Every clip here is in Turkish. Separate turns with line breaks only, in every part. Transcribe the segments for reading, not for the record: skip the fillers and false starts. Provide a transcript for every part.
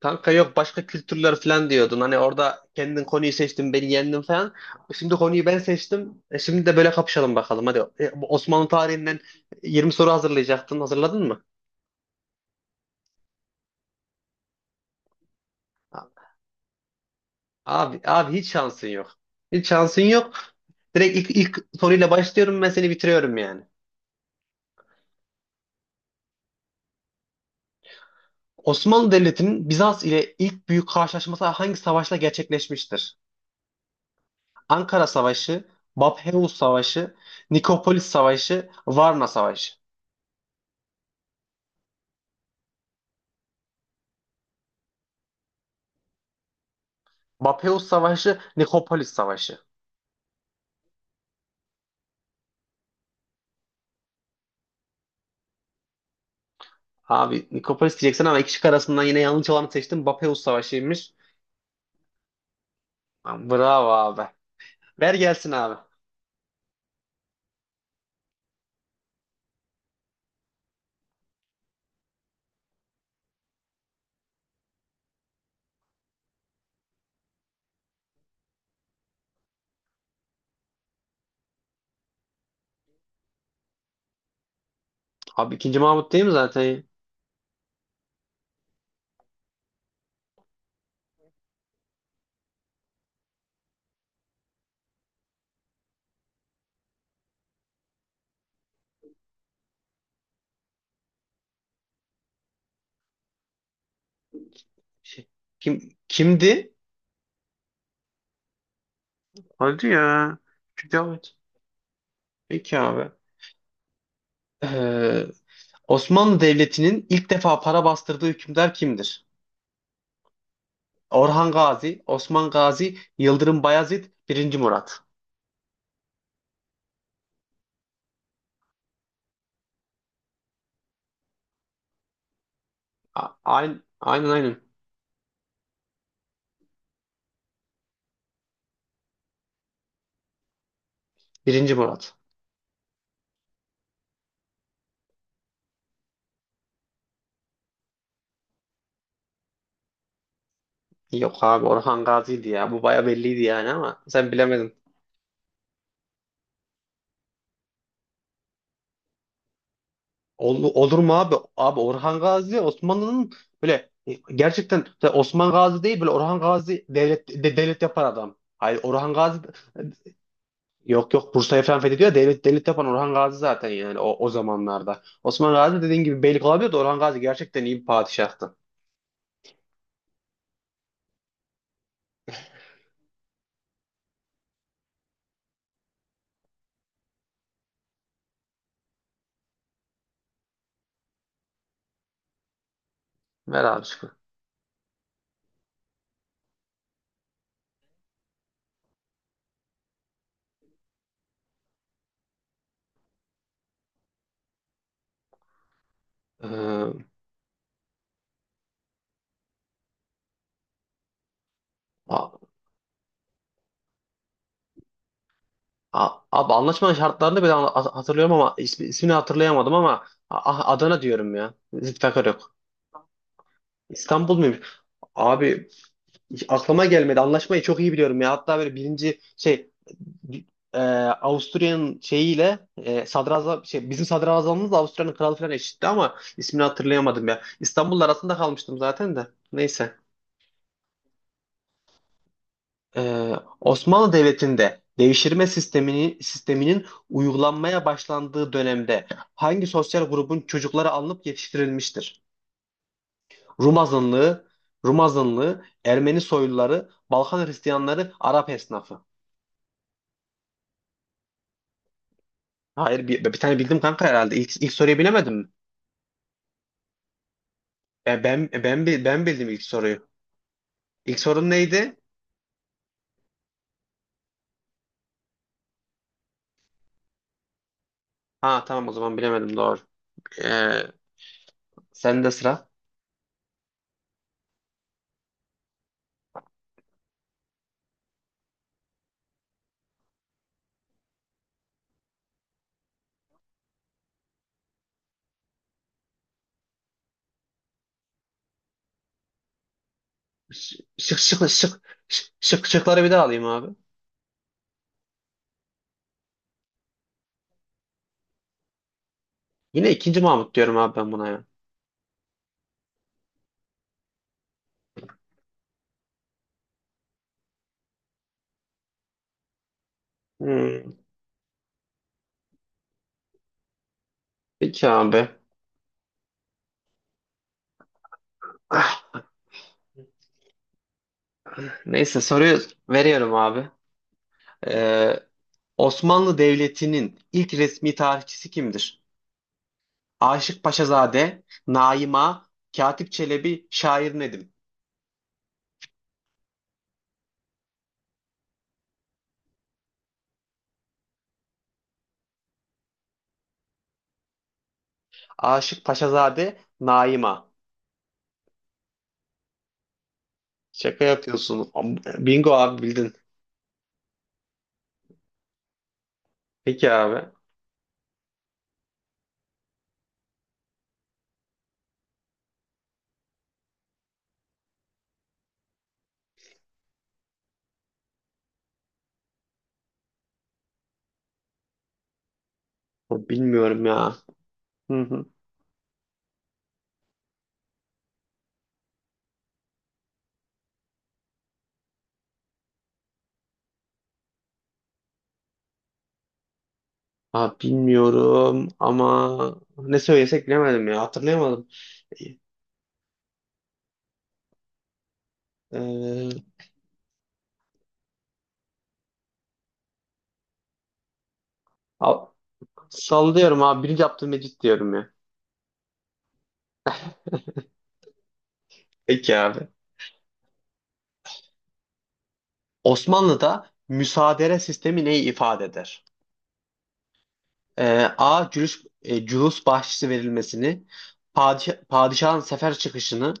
Kanka yok başka kültürler falan diyordun. Hani orada kendin konuyu seçtin, beni yendin falan. Şimdi konuyu ben seçtim. E şimdi de böyle kapışalım bakalım. Hadi bu Osmanlı tarihinden 20 soru hazırlayacaktın. Hazırladın mı? Abi abi hiç şansın yok. Hiç şansın yok. Direkt ilk soruyla başlıyorum ben seni bitiriyorum yani. Osmanlı Devleti'nin Bizans ile ilk büyük karşılaşması hangi savaşla gerçekleşmiştir? Ankara Savaşı, Bapheus Savaşı, Nikopolis Savaşı, Varna Savaşı. Bapeus Savaşı, Nikopolis Savaşı. Abi Nikopolis diyeceksin ama iki şık arasından yine yanlış olanı seçtim. Bapeus Savaşı'ymış. Lan Bravo abi. Ver gelsin abi. Abi ikinci Mahmut değil mi zaten? Şey, kim kimdi? Hadi ya. İkinci Mahmut. Peki abi. Ee, Osmanlı Devleti'nin ilk defa para bastırdığı hükümdar kimdir? Orhan Gazi, Osman Gazi, Yıldırım Bayezid, Birinci Murat. Aynen aynen. Aynen. Birinci Murat. Yok abi Orhan Gazi'ydi ya. Bu baya belliydi yani ama sen bilemedin. Olur mu abi? Abi Orhan Gazi Osmanlı'nın böyle gerçekten mesela Osman Gazi değil böyle Orhan Gazi devlet devlet yapan adam. Hayır Orhan Gazi e, yok yok Bursa'yı falan fethediyor ya, devlet devlet yapan Orhan Gazi zaten yani o zamanlarda. Osman Gazi dediğin gibi beylik olabilir de Orhan Gazi gerçekten iyi bir padişahtı. Ver abi şunu. Ee, Abi anlaşmanın şartlarını ben hatırlıyorum ama ismini hatırlayamadım ama Adana diyorum ya. Zülfikar yok. İstanbul muymuş? Abi hiç aklıma gelmedi. Anlaşmayı çok iyi biliyorum ya. Hatta böyle birinci şey e, Avusturya'nın şeyiyle sadrazam şey bizim sadrazamımız Avusturya'nın kralı falan eşitti ama ismini hatırlayamadım ya. İstanbul'la arasında kalmıştım zaten de. Neyse. Ee, Osmanlı Devleti'nde devşirme sisteminin uygulanmaya başlandığı dönemde hangi sosyal grubun çocukları alınıp yetiştirilmiştir? Rum azınlığı, Rum azınlığı, Ermeni soyluları, Balkan Hristiyanları, Arap esnafı. Hayır bir tane bildim kanka herhalde. İlk soruyu bilemedim mi? Ben bildim ilk soruyu. İlk sorun neydi? Ha tamam o zaman bilemedim doğru. Ee, sende sıra. Şık şık şık şıkları bir daha alayım abi. Yine ikinci Mahmut diyorum abi ben buna ya. Hmm, peki abi. Ah, neyse soruyu veriyorum abi. Ee, Osmanlı Devleti'nin ilk resmi tarihçisi kimdir? Aşık Paşazade, Naima, Katip Çelebi, Şair Nedim. Aşık Paşazade, Naima. Şaka yapıyorsun. Bingo abi bildin. Peki abi. Bilmiyorum ya. Hı hı. Abi bilmiyorum ama ne söylesek bilemedim ya. Hatırlayamadım. Ee, al- Sallıyorum abi. Birinci Abdülmecit diyorum ya. Peki abi. Osmanlı'da müsaadere sistemi neyi ifade eder? Ee, A. Cülüs, cülüs bahşişi verilmesini, padişahın sefer çıkışını,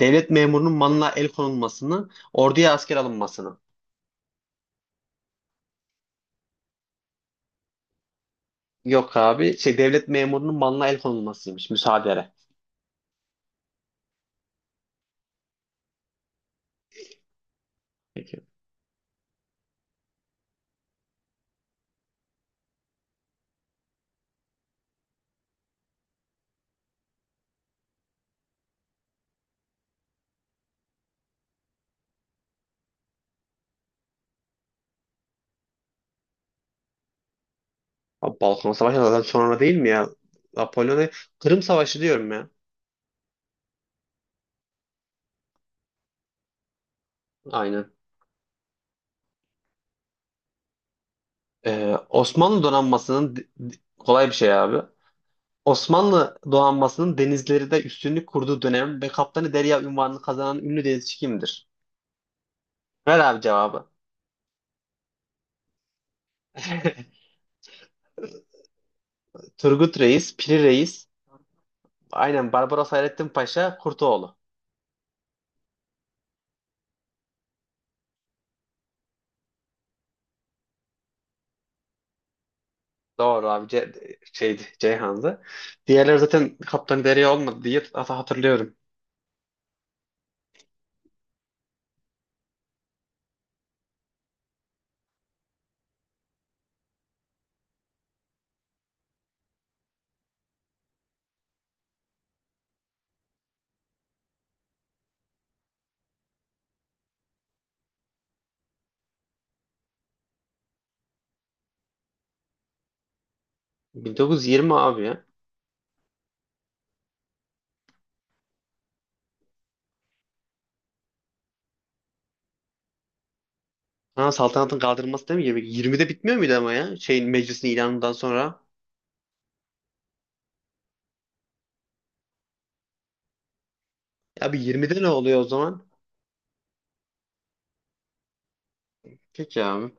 devlet memurunun malına el konulmasını, orduya asker alınmasını. Yok abi. Şey, devlet memurunun malına el konulmasıymış. Müsaadere. Peki. Abi Balkan Savaşı da zaten sonra değil mi ya? Napolyon'a Kırım Savaşı diyorum ya. Aynen. Osmanlı donanmasının kolay bir şey abi. Osmanlı donanmasının denizlerinde üstünlük kurduğu dönem ve Kaptanı Derya unvanını kazanan ünlü denizci kimdir? Ver abi cevabı. Turgut Reis, Piri Reis, aynen Barbaros Hayrettin Paşa, Kurtoğlu. Doğru abi Ce şeydi Ceyhan'dı. Diğerleri zaten Kaptan Derya olmadı diye hatırlıyorum. 1920 abi ya. Ha, saltanatın kaldırılması değil mi? 20'de bitmiyor muydu ama ya? Şeyin meclisin ilanından sonra. Abi 20'de ne oluyor o zaman? Peki abi.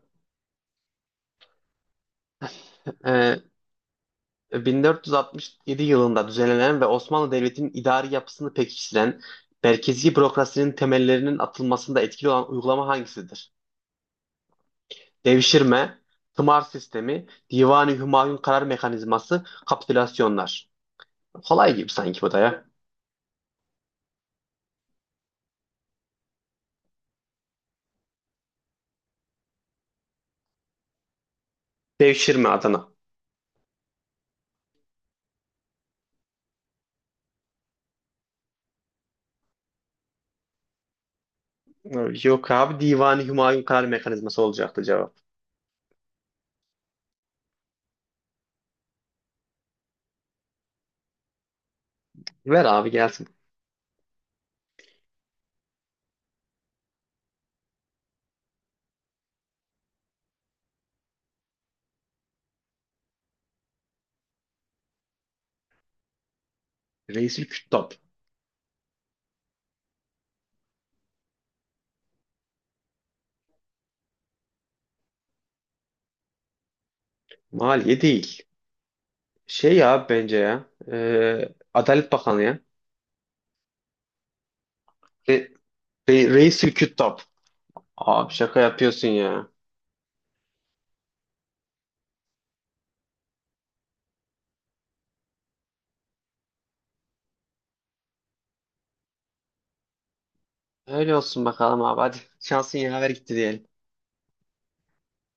Ee, 1467 yılında düzenlenen ve Osmanlı Devleti'nin idari yapısını pekiştiren, merkezi bürokrasinin temellerinin atılmasında etkili olan uygulama hangisidir? Devşirme, tımar sistemi, Divani Hümayun karar mekanizması, kapitülasyonlar. Kolay gibi sanki bu da ya. Devşirme Adana. Yok abi Divani Hümayun karar mekanizması olacaktı cevap. Ver abi gelsin. Reisül Küttab. Maliye değil. Şey ya bence ya. Adalet Bakanı ya. Re, Reisül Küttab. Abi şaka yapıyorsun ya. Öyle olsun bakalım abi. Hadi şansın yaver gitti diyelim.